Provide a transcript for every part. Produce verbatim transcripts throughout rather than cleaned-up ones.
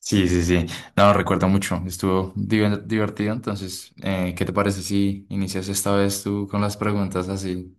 Sí, sí, sí. No, recuerdo mucho. Estuvo div- divertido. Entonces, eh, ¿qué te parece si inicias esta vez tú con las preguntas así?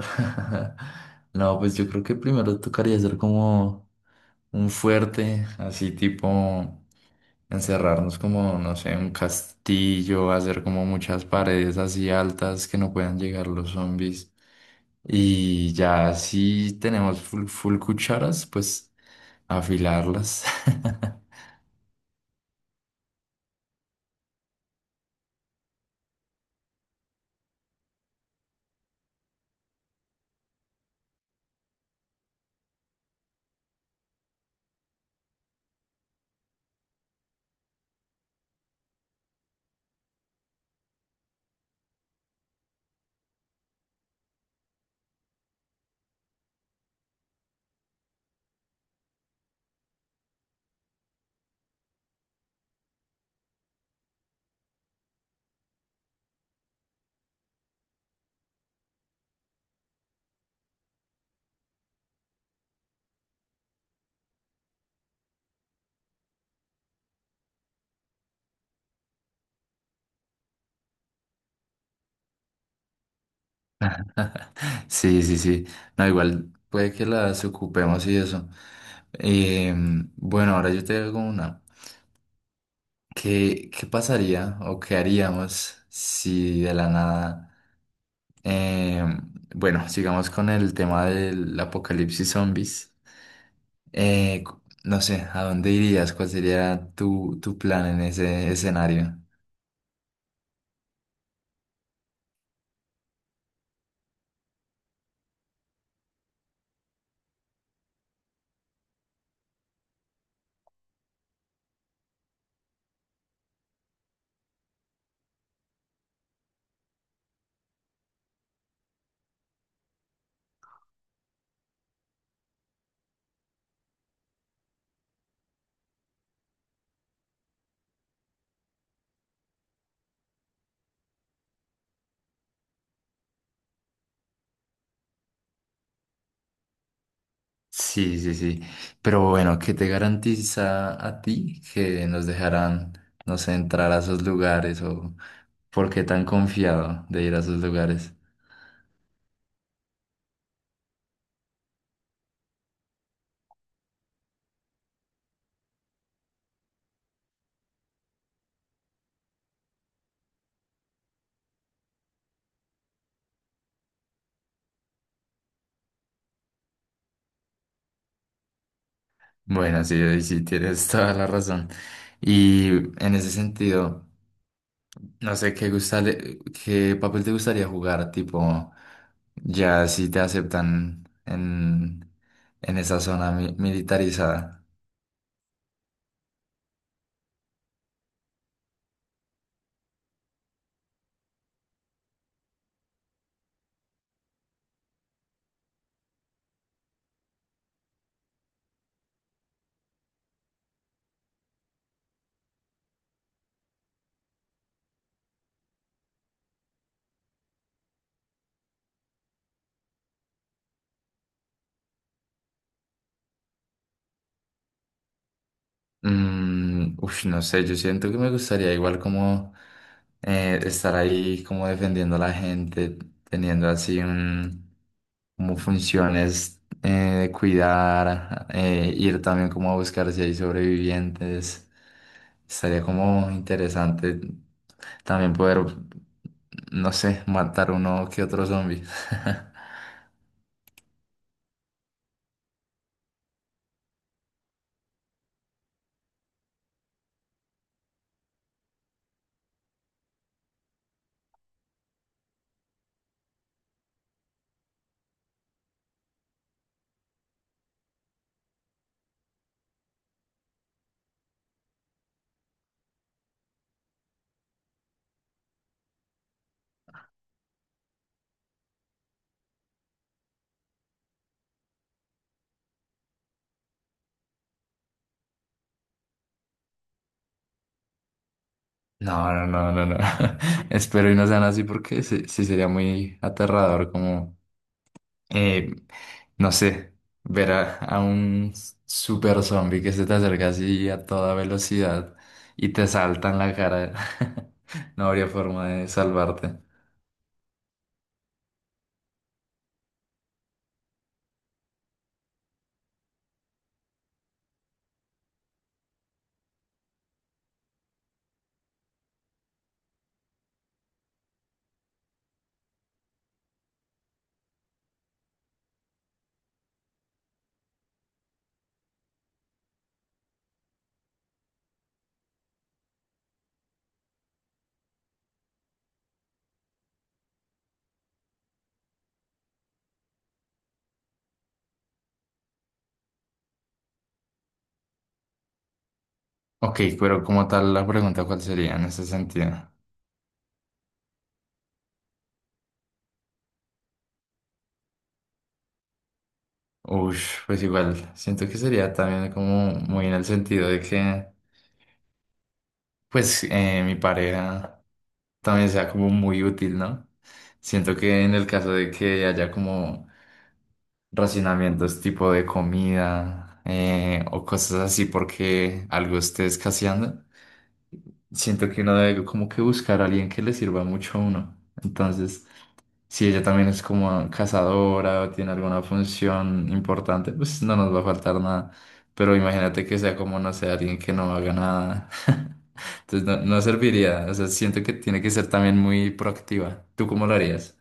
No, pues yo creo que primero tocaría hacer como un fuerte, así tipo encerrarnos como, no sé, un castillo, hacer como muchas paredes así altas que no puedan llegar los zombies. Y ya si tenemos full, full cucharas, pues afilarlas. Sí, sí, sí. No, igual puede que las ocupemos y eso. Em, bueno, ahora yo te hago una. ¿Qué, qué pasaría o qué haríamos si de la nada... em, bueno, sigamos con el tema del apocalipsis zombies. Eh, cu- no sé, ¿a dónde irías? ¿Cuál sería tu, tu plan en ese escenario? Sí, sí, sí. Pero bueno, ¿qué te garantiza a ti que nos dejarán, no sé, entrar a esos lugares o por qué tan confiado de ir a esos lugares? Bueno, sí, ahí sí, tienes toda la razón. Y en ese sentido, no sé qué gustale- qué papel te gustaría jugar, tipo, ya si te aceptan en, en esa zona mi- militarizada. Mm, uf, no sé, yo siento que me gustaría igual como eh, estar ahí como defendiendo a la gente, teniendo así un, como funciones eh, de cuidar, eh, ir también como a buscar si hay sobrevivientes. Estaría como interesante también poder, no sé, matar uno que otro zombie. No, no, no, no, no. Espero y no sean así porque sí, sí sería muy aterrador como. Eh, no sé, ver a, a un super zombie que se te acerca así a toda velocidad y te salta en la cara. No habría forma de salvarte. Ok, pero como tal la pregunta, ¿cuál sería en ese sentido? Ush, pues igual, siento que sería también como muy en el sentido de que, pues, eh, mi pareja también sea como muy útil, ¿no? Siento que en el caso de que haya como racionamientos tipo de comida eh, o cosas así porque algo esté escaseando. Siento que uno debe como que buscar a alguien que le sirva mucho a uno. Entonces, si ella también es como cazadora o tiene alguna función importante, pues no nos va a faltar nada. Pero imagínate que sea como, no sé, alguien que no haga nada. Entonces no, no serviría. O sea, siento que tiene que ser también muy proactiva. ¿Tú cómo lo harías?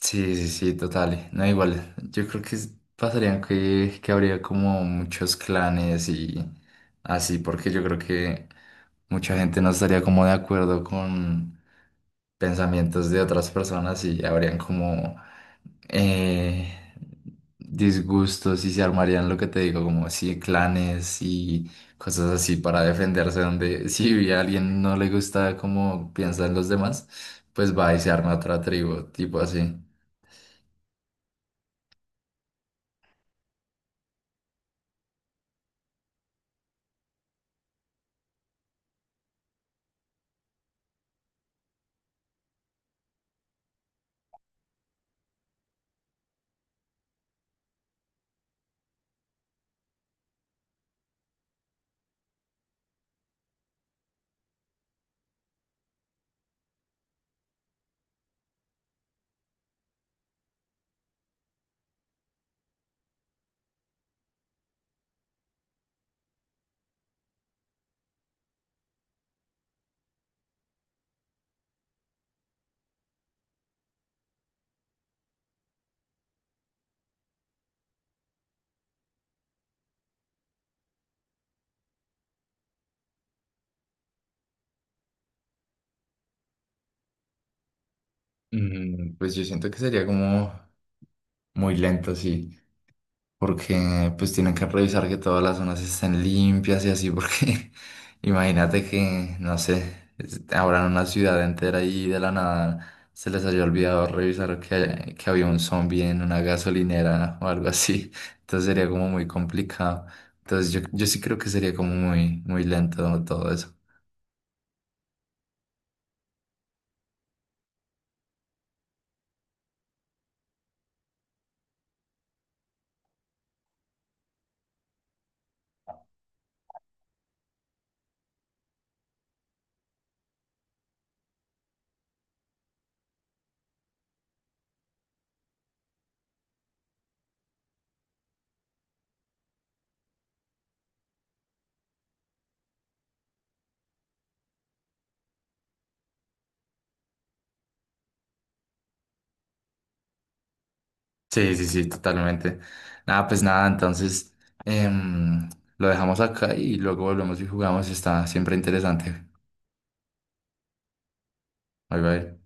Sí, sí, sí, total. No, igual. Yo creo que es- pasaría que, que habría como muchos clanes y así, porque yo creo que mucha gente no estaría como de acuerdo con pensamientos de otras personas y habrían como eh, disgustos y se armarían lo que te digo, como sí, clanes y cosas así para defenderse, donde si a alguien no le gusta cómo piensan los demás, pues va y se arma otra tribu, tipo así. Mm, pues yo siento que sería como muy lento, sí, porque pues tienen que revisar que todas las zonas estén limpias y así, porque imagínate que, no sé, es- abran una ciudad entera y de la nada se les haya olvidado revisar que, que había un zombie en una gasolinera o algo así, entonces sería como muy complicado. Entonces yo, yo sí creo que sería como muy, muy lento todo eso. Sí, sí, sí, totalmente. Nada, pues nada, entonces em, lo dejamos acá y luego volvemos y jugamos. Está siempre interesante. Bye bye.